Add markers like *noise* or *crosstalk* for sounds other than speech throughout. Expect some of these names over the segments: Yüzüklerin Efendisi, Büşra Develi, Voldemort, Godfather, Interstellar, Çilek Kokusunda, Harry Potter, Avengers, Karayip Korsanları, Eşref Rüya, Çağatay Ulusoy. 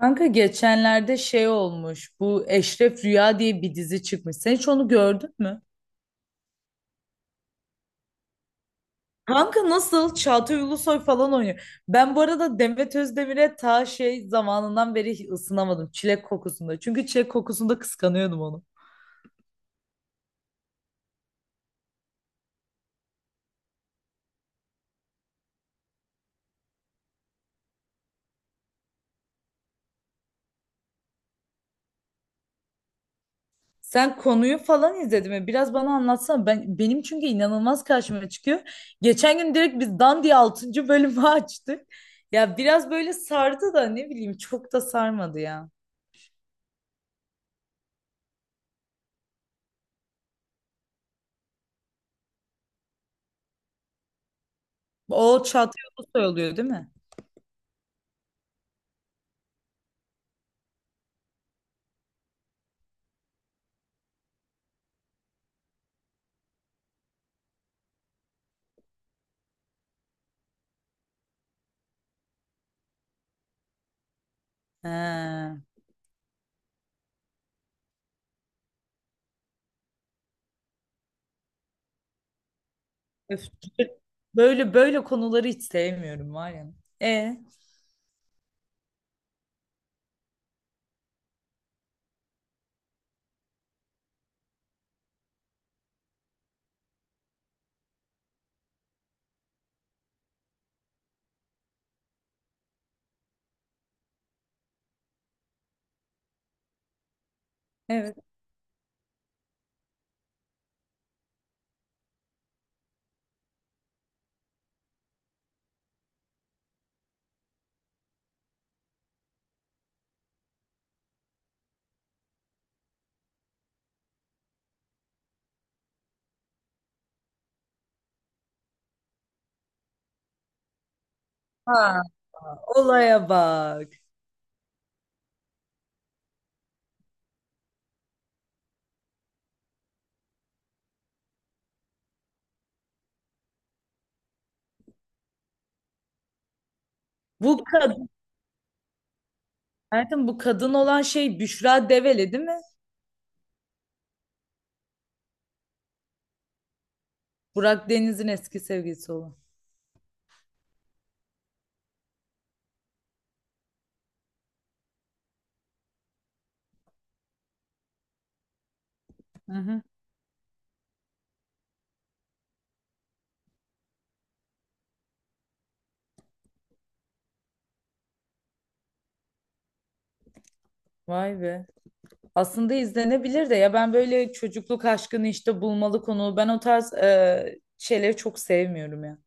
Kanka geçenlerde şey olmuş. Bu Eşref Rüya diye bir dizi çıkmış. Sen hiç onu gördün mü? Kanka nasıl? Çağatay Ulusoy falan oynuyor. Ben bu arada Demet Özdemir'e ta şey zamanından beri ısınamadım. Çilek kokusunda. Çünkü çilek kokusunda kıskanıyordum onu. Sen konuyu falan izledin mi? Biraz bana anlatsana. Benim çünkü inanılmaz karşıma çıkıyor. Geçen gün direkt biz dan diye 6. bölümü *laughs* açtık. Ya biraz böyle sardı da ne bileyim çok da sarmadı ya. O Çağatay Ulusoy oluyor değil mi? Ha. Öf, böyle böyle konuları hiç sevmiyorum var ya. E, evet. Ha, olaya bak. Bu kadın, zaten bu kadın olan şey Büşra Develi değil mi? Burak Deniz'in eski sevgilisi olan. Hı hı. Vay be. Aslında izlenebilir de ya ben böyle çocukluk aşkını işte bulmalı konu. Ben o tarz şeyleri çok sevmiyorum ya.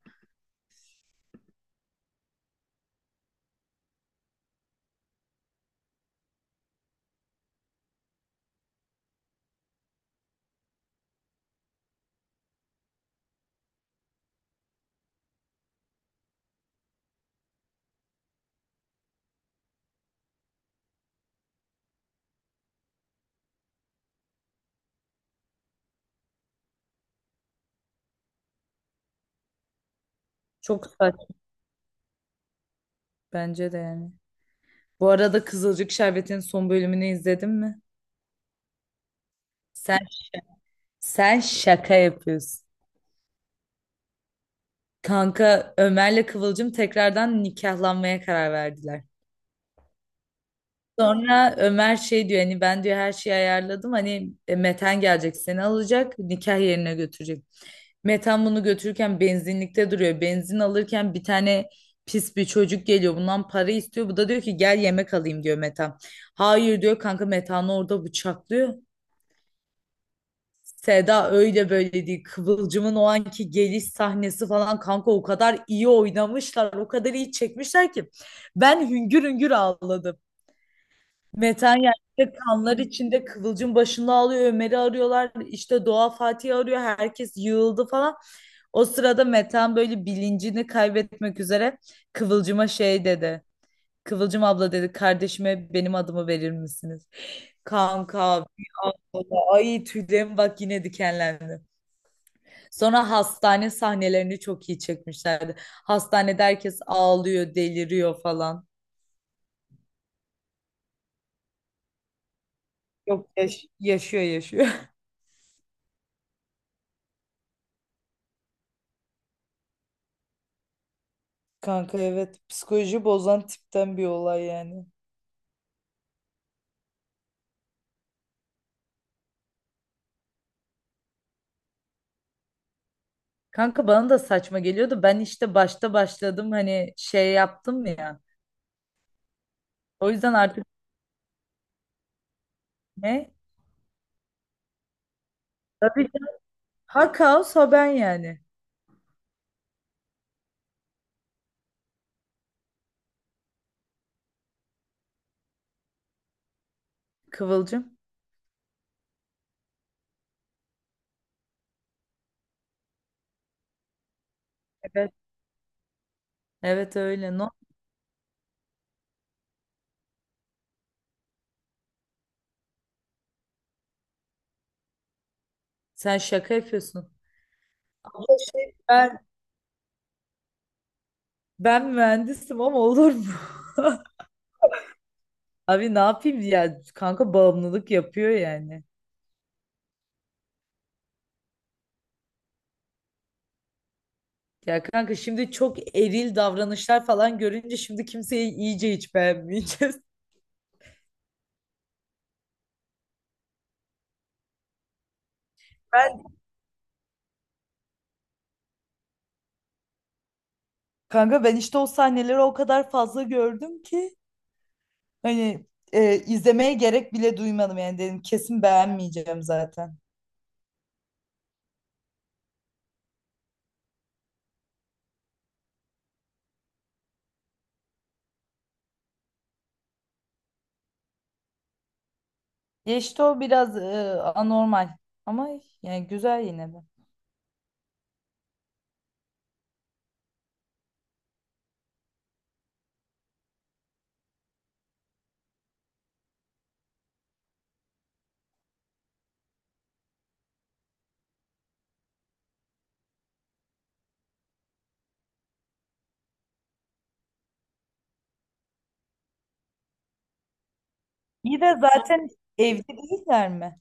Çok saçma bence de yani. Bu arada Kızılcık Şerbeti'nin son bölümünü izledin mi? Sen sen şaka yapıyorsun. Kanka Ömer'le Kıvılcım tekrardan nikahlanmaya karar verdiler. Sonra Ömer şey diyor hani ben diyor her şeyi ayarladım hani Meten gelecek seni alacak nikah yerine götürecek. Meten bunu götürürken benzinlikte duruyor. Benzin alırken bir tane pis bir çocuk geliyor bundan para istiyor. Bu da diyor ki gel yemek alayım diyor Meten. Hayır diyor kanka Metan'ı orada bıçaklıyor. Seda öyle böyle değil. Kıvılcım'ın o anki geliş sahnesi falan kanka o kadar iyi oynamışlar. O kadar iyi çekmişler ki. Ben hüngür hüngür ağladım. Metan yerde kanlar içinde Kıvılcım başında ağlıyor. Ömer'i arıyorlar. İşte Doğa Fatih'i arıyor. Herkes yığıldı falan. O sırada Metan böyle bilincini kaybetmek üzere Kıvılcım'a şey dedi. Kıvılcım abla dedi kardeşime benim adımı verir misiniz? Kanka ay tüylerim bak yine dikenlendi. Sonra hastane sahnelerini çok iyi çekmişlerdi. Hastanede herkes ağlıyor, deliriyor falan. Yok, yaşıyor yaşıyor. *laughs* Kanka evet psikoloji bozan tipten bir olay yani. Kanka bana da saçma geliyordu. Ben işte başta başladım hani şey yaptım ya. O yüzden artık ne? Tabii canım. Ha kaos ha ben yani. Kıvılcım. Evet. Evet öyle. No. Sen şaka yapıyorsun. Abla, ben mühendisim ama olur mu? *laughs* Abi ne yapayım ya kanka bağımlılık yapıyor yani. Ya kanka şimdi çok eril davranışlar falan görünce şimdi kimseyi iyice hiç beğenmeyeceğiz. *laughs* Ben kanka ben işte o sahneleri o kadar fazla gördüm ki hani izlemeye gerek bile duymadım yani dedim kesin beğenmeyeceğim zaten. Ya işte o biraz anormal ama yani güzel yine de. İyi de zaten evli değiller mi?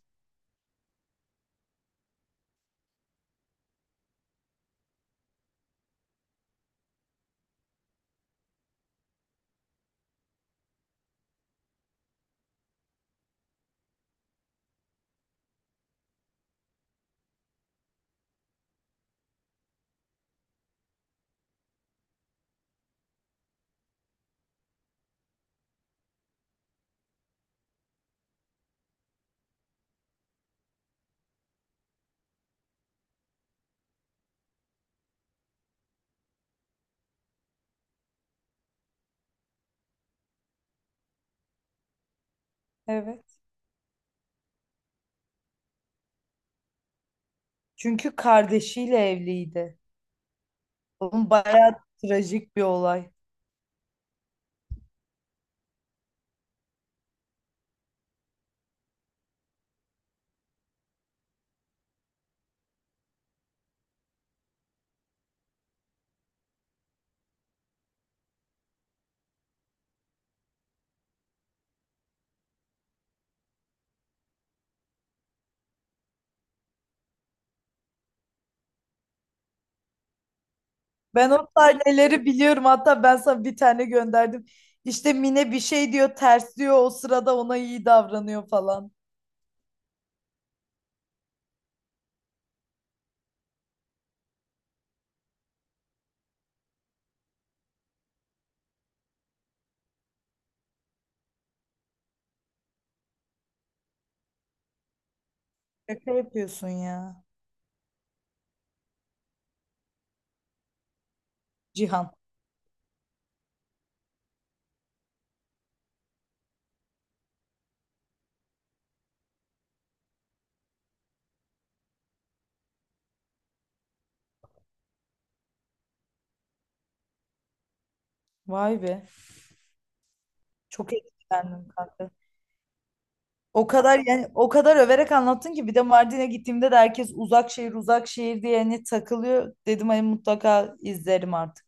Evet. Çünkü kardeşiyle evliydi. Onun bayağı trajik bir olay. Ben o sahneleri biliyorum. Hatta ben sana bir tane gönderdim. İşte Mine bir şey diyor, ters diyor. O sırada ona iyi davranıyor falan. Şaka yapıyorsun ya. Cihan. Vay be. Çok etkilendim kanka. O kadar yani o kadar överek anlattın ki bir de Mardin'e gittiğimde de herkes uzak şehir uzak şehir diye hani takılıyor. Dedim hani mutlaka izlerim artık.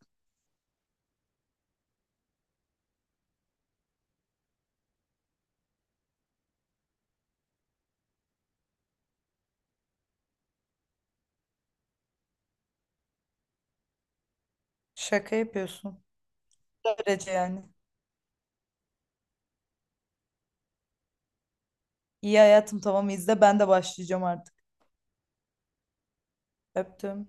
Şaka yapıyorsun. Böylece yani. İyi hayatım tamam izle ben de başlayacağım artık. Öptüm.